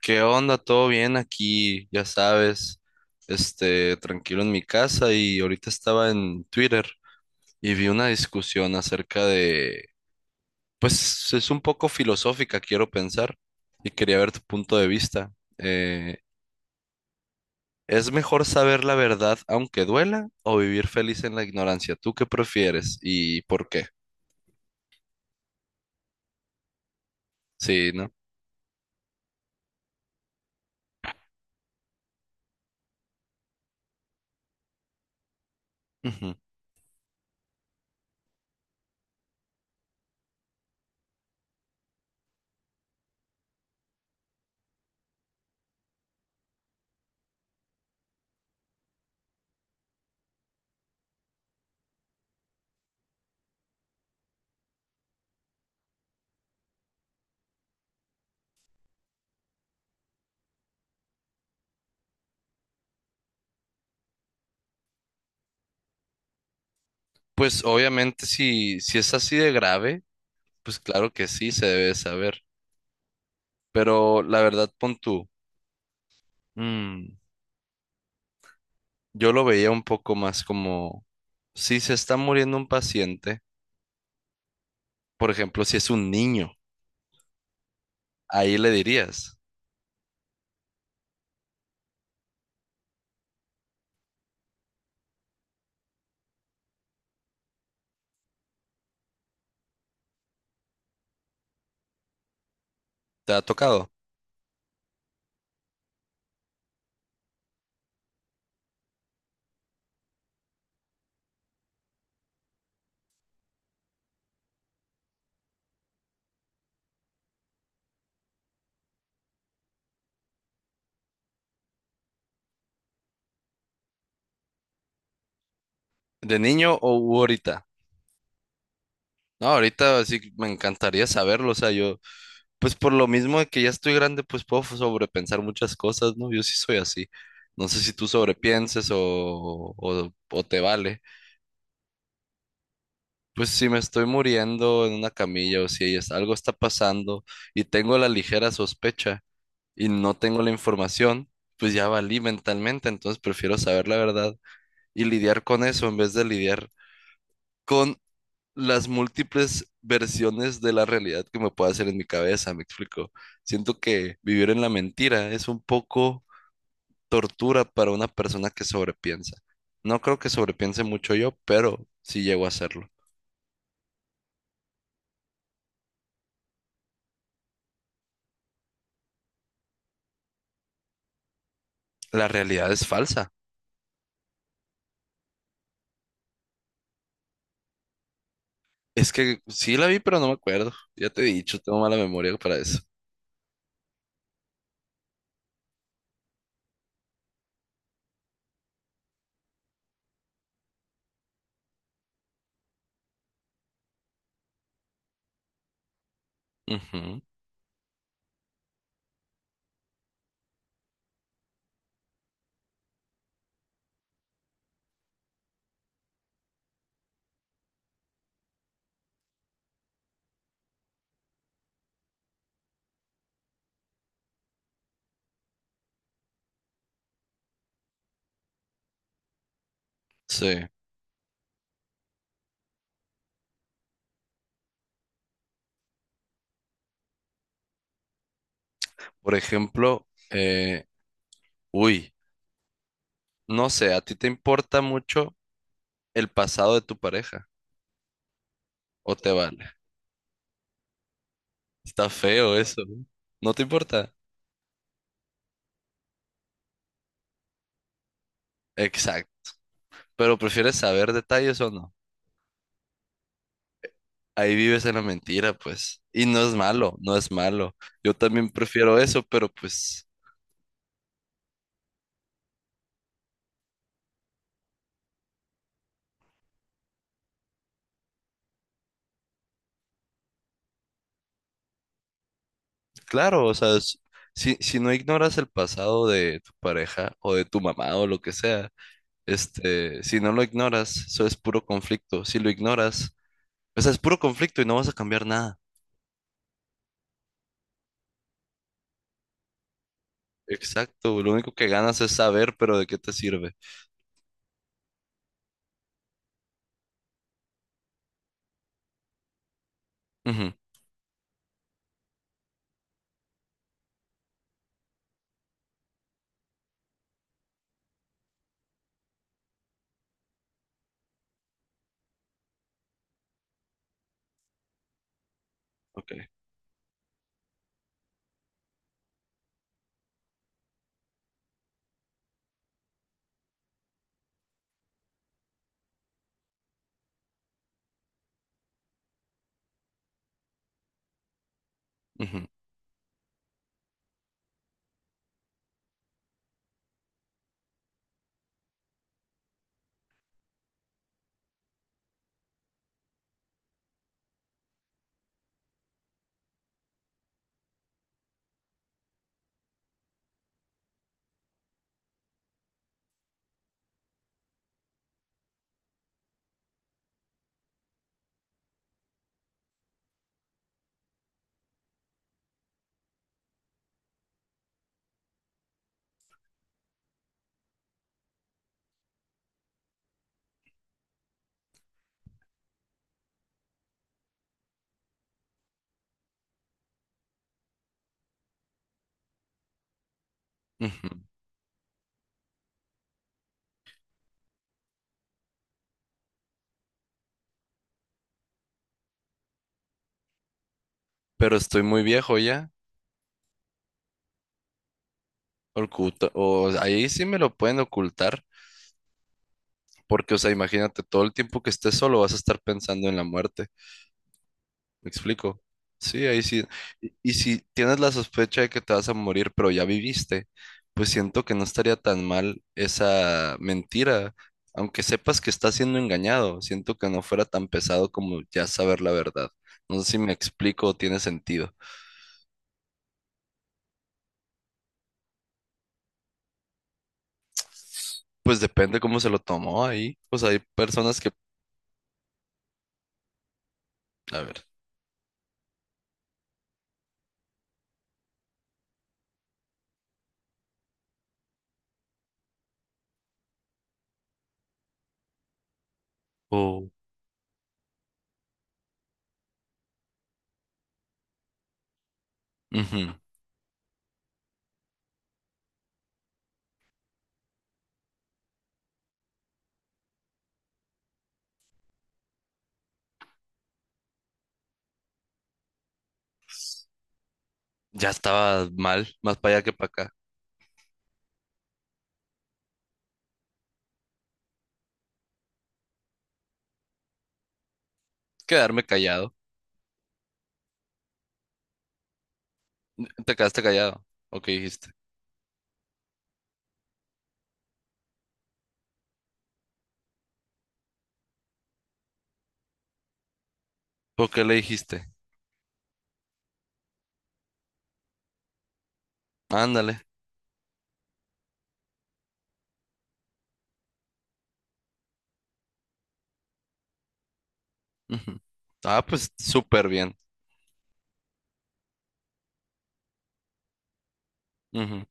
¿Qué onda? ¿Todo bien aquí? Ya sabes, tranquilo en mi casa y ahorita estaba en Twitter y vi una discusión acerca de, pues es un poco filosófica, quiero pensar, y quería ver tu punto de vista. Eh, ¿Es mejor saber la verdad aunque duela o vivir feliz en la ignorancia? ¿Tú qué prefieres y por qué? Sí, ¿no? Ujú. Pues obviamente si es así de grave, pues claro que sí se debe saber, pero la verdad pon tú. Mm, yo lo veía un poco más como, si se está muriendo un paciente, por ejemplo, si es un niño, ahí le dirías, ¿te ha tocado? ¿De niño o u ahorita? No, ahorita sí me encantaría saberlo, o sea, yo, pues por lo mismo de que ya estoy grande, pues puedo sobrepensar muchas cosas, ¿no? Yo sí soy así. No sé si tú sobrepienses o te vale. Pues si me estoy muriendo en una camilla o si es- algo está pasando y tengo la ligera sospecha, y no tengo la información, pues ya valí mentalmente, entonces prefiero saber la verdad y lidiar con eso en vez de lidiar con las múltiples versiones de la realidad que me puede hacer en mi cabeza, me explico. Siento que vivir en la mentira es un poco tortura para una persona que sobrepiensa. No creo que sobrepiense mucho yo, pero sí llego a hacerlo. La realidad es falsa. Es que sí la vi, pero no me acuerdo. Ya te he dicho, tengo mala memoria para eso. Ujú. Sí. Por ejemplo, eh, uy, no sé, ¿a ti te importa mucho el pasado de tu pareja? ¿O te vale? Está feo eso, ¿no? ¿No te importa? Exacto. Pero prefieres saber detalles o no. Ahí vives en la mentira, pues. Y no es malo, no es malo. Yo también prefiero eso, pero pues, claro, o sea, si, si no ignoras el pasado de tu pareja o de tu mamá o lo que sea, si no lo ignoras, eso es puro conflicto. Si lo ignoras, o sea, es puro conflicto y no vas a cambiar nada. Exacto, lo único que ganas es saber, pero ¿de qué te sirve? Ujú. Ok. Ujú. Ujú. Pero estoy muy viejo ya. Oculta, o ahí sí me lo pueden ocultar, porque, o sea, imagínate, todo el tiempo que estés solo vas a estar pensando en la muerte. Me explico. Sí, ahí sí. Y si tienes la sospecha de que te vas a morir, pero ya viviste, pues siento que no estaría tan mal esa mentira, aunque sepas que estás siendo engañado. Siento que no fuera tan pesado como ya saber la verdad. No sé si me explico o tiene sentido. Pues depende cómo se lo tomó ahí. Pues hay personas que, a ver, o ujú, ya estaba mal, más para allá que para acá. Quedarme callado. Te quedaste callado. ¿O qué dijiste? ¿O qué le dijiste? Ándale. Ujú. Ah, pues súper bien. Ujú.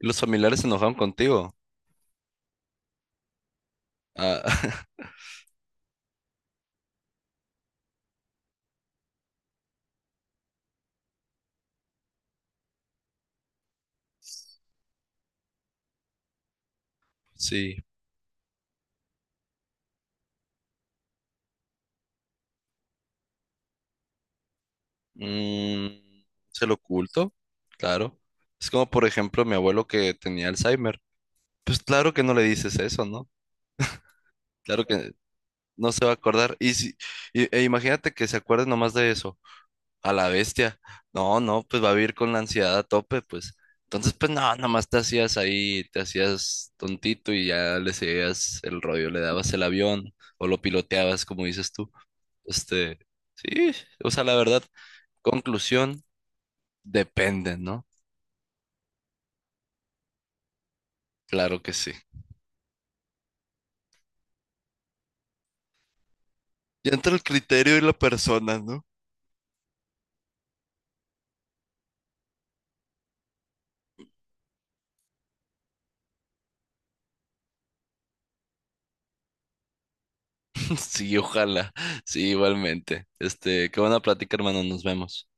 ¿Y los familiares se enojaron contigo? Ah, sí. Mm, ¿se lo oculto? Claro. Es como, por ejemplo, mi abuelo que tenía Alzheimer. Pues claro que no le dices eso, ¿no? Claro que no se va a acordar. Y si, y- e imagínate que se acuerde nomás de eso. A la bestia. No, no, pues va a vivir con la ansiedad a tope, pues. Entonces, pues no, nomás te hacías ahí, te hacías tontito y ya le seguías el rollo, le dabas el avión o lo piloteabas, como dices tú. Este, sí, o sea, la verdad, conclusión, depende, ¿no? Claro que sí. Ya entra el criterio y la persona, ¿no? Sí, ojalá. Sí, igualmente. Este, qué buena plática, hermano. Nos vemos.